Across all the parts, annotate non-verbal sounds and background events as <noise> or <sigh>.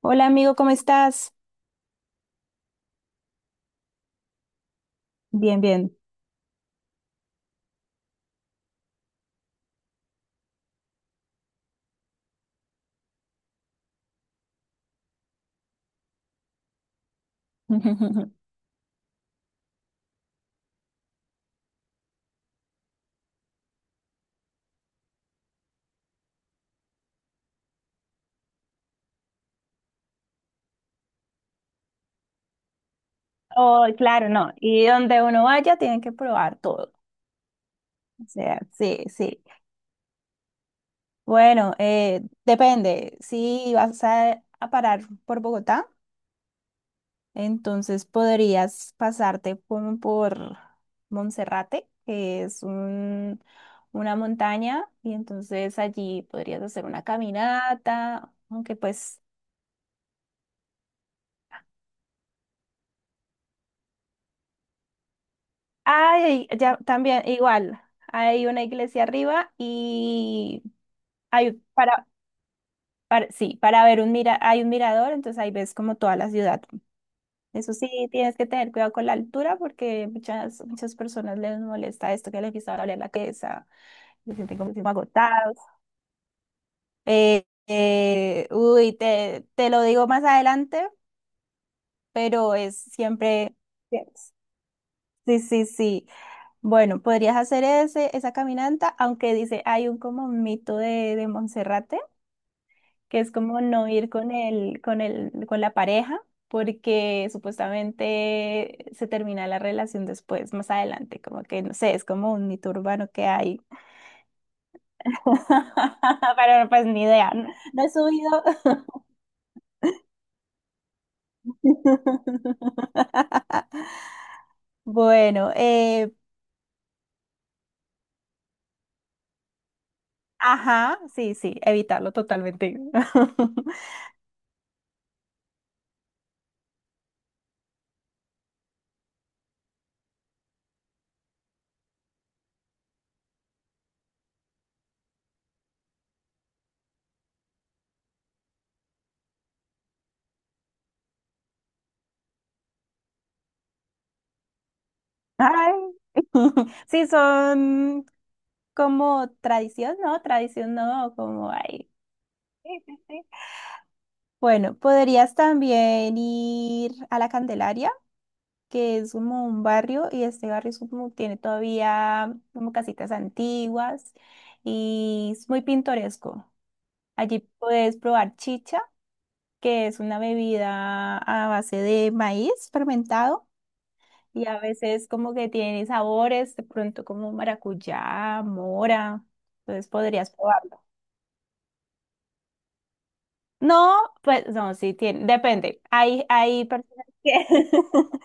Hola amigo, ¿cómo estás? Bien, bien. <laughs> Oh, claro, no. Y donde uno vaya, tienen que probar todo. O sea, sí, sí. Bueno, depende. Si vas a parar por Bogotá, entonces podrías pasarte como por Monserrate, que es un, una montaña, y entonces allí podrías hacer una caminata, aunque pues ay, ya también, igual, hay una iglesia arriba y hay para, sí, para ver hay un mirador, entonces ahí ves como toda la ciudad. Eso sí, tienes que tener cuidado con la altura porque muchas personas les molesta esto que les empieza a doler la cabeza, se sienten como agotados. Uy, te lo digo más adelante, pero es siempre, sí, sí, sí. Bueno, podrías hacer esa caminata, aunque dice, hay un como mito de Monserrate, que es como no ir con con la pareja, porque supuestamente se termina la relación después, más adelante, como que, no sé, es como un mito urbano que hay. <laughs> Pero pues ni idea, no, no he subido. <laughs> Bueno, ajá, sí, sí, evitarlo totalmente. <laughs> Ay. <laughs> Sí, son como tradición, ¿no? Tradición, ¿no? Como, ay. Sí, sí, sí. Bueno, podrías también ir a la Candelaria, que es como un barrio y este barrio es como- tiene todavía como casitas antiguas y es muy pintoresco. Allí puedes probar chicha, que es una bebida a base de maíz fermentado y a veces como que tiene sabores, de pronto como maracuyá, mora, entonces podrías probar. No, pues no, sí tiene, depende. Hay personas que <laughs>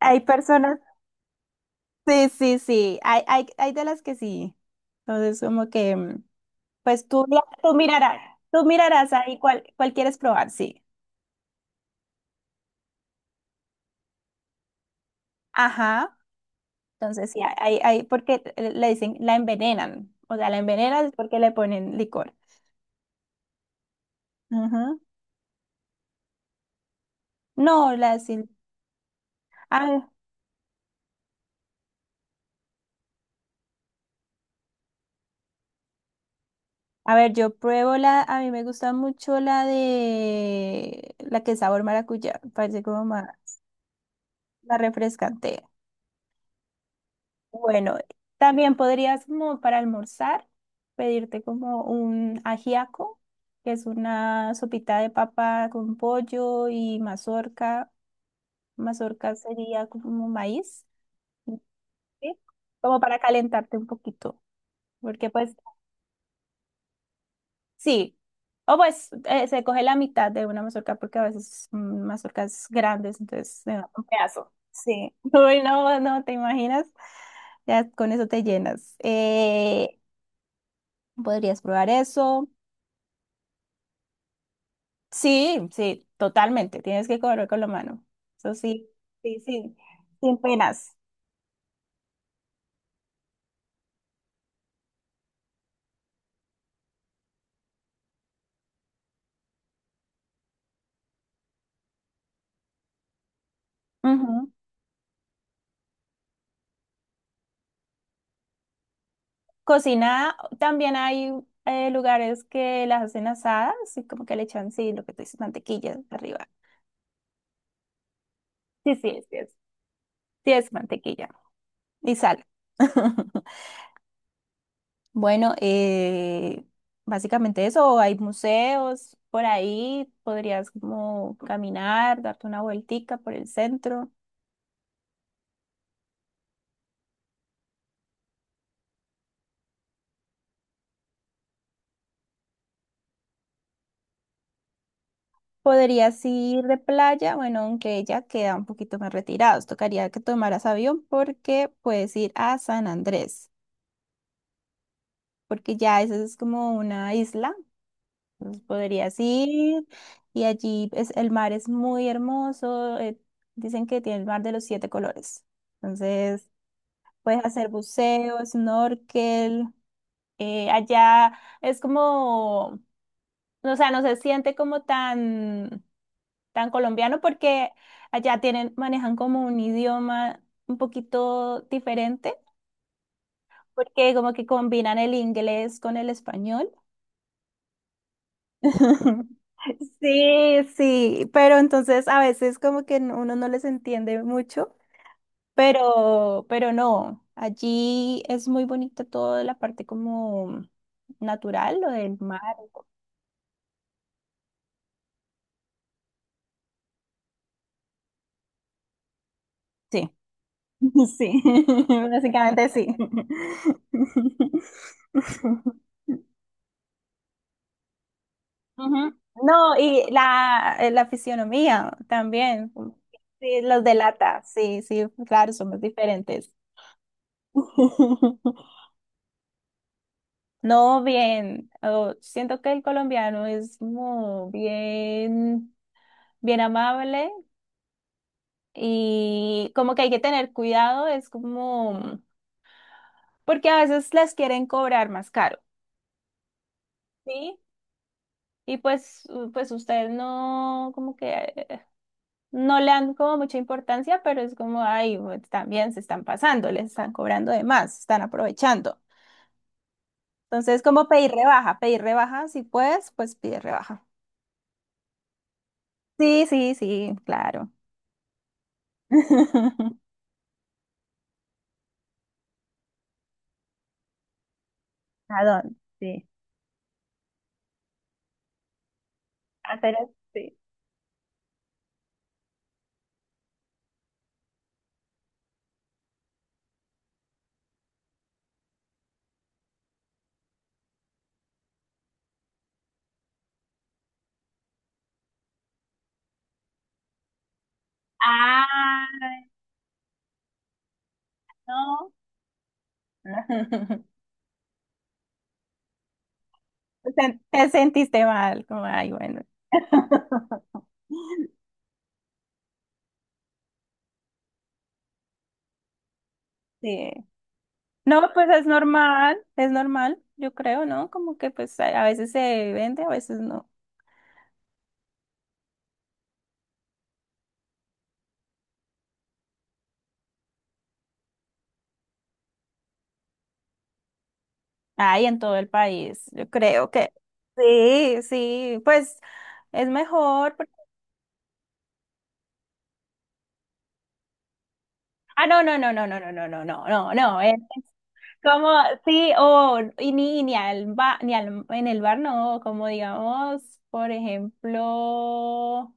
hay personas, sí, sí, sí, hay de las que sí. Entonces, como que, pues tú, tú mirarás ahí cuál, cuál quieres probar, sí. Ajá. Entonces, sí, hay, porque le dicen, la envenenan. O sea, la envenenan es porque le ponen licor. Ajá. No, la sin. Ah, a ver, yo pruebo la. A mí me gusta mucho la de. La que es sabor maracuyá. Parece como más. La refrescante. Bueno, también podrías como para almorzar pedirte como un ajiaco, que es una sopita de papa con pollo y mazorca. Mazorca sería como maíz, ¿sí? Como para calentarte un poquito, porque pues sí, o pues se coge la mitad de una mazorca porque a veces son mazorcas grandes, entonces se da un pedazo. Sí, <laughs> uy, no, no, ¿te imaginas? Ya con eso te llenas. ¿Podrías probar eso? Sí, sí, totalmente, tienes que comer con la mano. Eso sí, sí, sí, sin penas. Ujú. Cocina, también hay lugares que las hacen asadas y como que le echan, sí, lo que tú dices, mantequilla arriba. Sí, sí, sí es. Sí, es mantequilla. Y sal. <laughs> Bueno, básicamente eso, hay museos por ahí, podrías como caminar, darte una vueltica por el centro. Podrías ir de playa, bueno, aunque ya queda un poquito más retirados, tocaría que tomaras avión porque puedes ir a San Andrés, porque ya esa es como una isla, entonces podrías ir y allí es, el mar es muy hermoso, dicen que tiene el mar de los siete colores. Entonces... Puedes hacer buceo, snorkel. Allá es como, o sea, no se siente como tan, tan colombiano porque allá tienen, manejan como un idioma un poquito diferente, porque como que combinan el inglés con el español. <laughs> Sí, sí, pero entonces a veces como que uno no les entiende mucho. Pero no, allí es muy bonita toda la parte como natural, lo del mar. Sí, <laughs> sí, <laughs> básicamente sí. <laughs> Ujú. No, y la fisionomía también. Sí, los delata, sí, sí, claro, somos diferentes. <laughs> No, bien, oh, siento que el colombiano es como bien, bien amable, y como que hay que tener cuidado, es como, porque a veces las quieren cobrar más caro, ¿sí? Y pues, pues ustedes no, como que no le dan como mucha importancia, pero es como, ay, pues, también se están pasando, les están cobrando de más, se están aprovechando. Entonces, como pedir rebaja, si puedes, pues pide rebaja. Sí, sí, sí, claro. <laughs> ¿A dónde? Sí. Hacer sí. Ah, no. <laughs> O sea, te sentiste mal, como, ay, bueno. <laughs> Sí. No, pues es normal, yo creo, ¿no? Como que pues a veces se vende, a veces no. Ay, en todo el país, yo creo que sí, sí, pues es mejor. Porque- ah, no, no, no, no, no, no, no, no, no, no, no. Es como, sí, o y ni, ni al, en el bar no, como digamos, por ejemplo.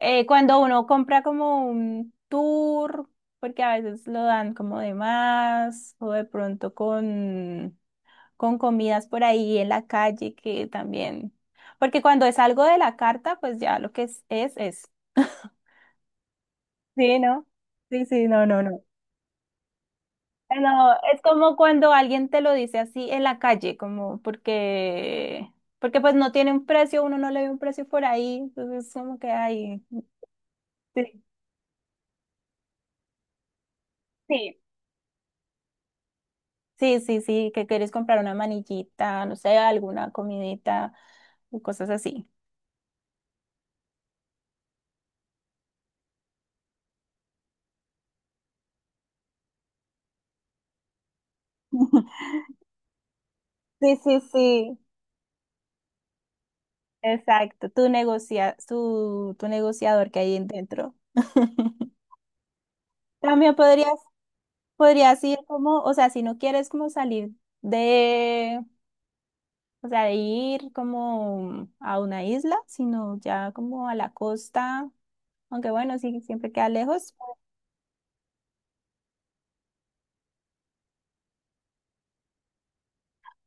Cuando uno compra como un tour, porque a veces lo dan como de más, o de pronto con comidas por ahí en la calle que también, porque cuando es algo de la carta, pues ya lo que es, es. <laughs> Sí, ¿no? Sí, sí, no, no, no. No, es como cuando alguien te lo dice así en la calle, porque pues no tiene un precio, uno no le ve un precio por ahí, entonces como que hay. Sí. Sí. Sí, sí, sí, que quieres comprar una manillita, no sé, alguna comidita o cosas así. <laughs> Sí, sí, sí. Exacto, tu negocia, tu negociador que hay en dentro. <laughs> También podrías, podrías ir como, o sea, si no quieres como salir de, o sea, de ir como a una isla, sino ya como a la costa, aunque bueno, sí, siempre queda lejos.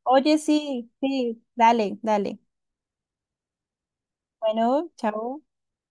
Oye, sí, sí, dale, dale. Bueno, chao.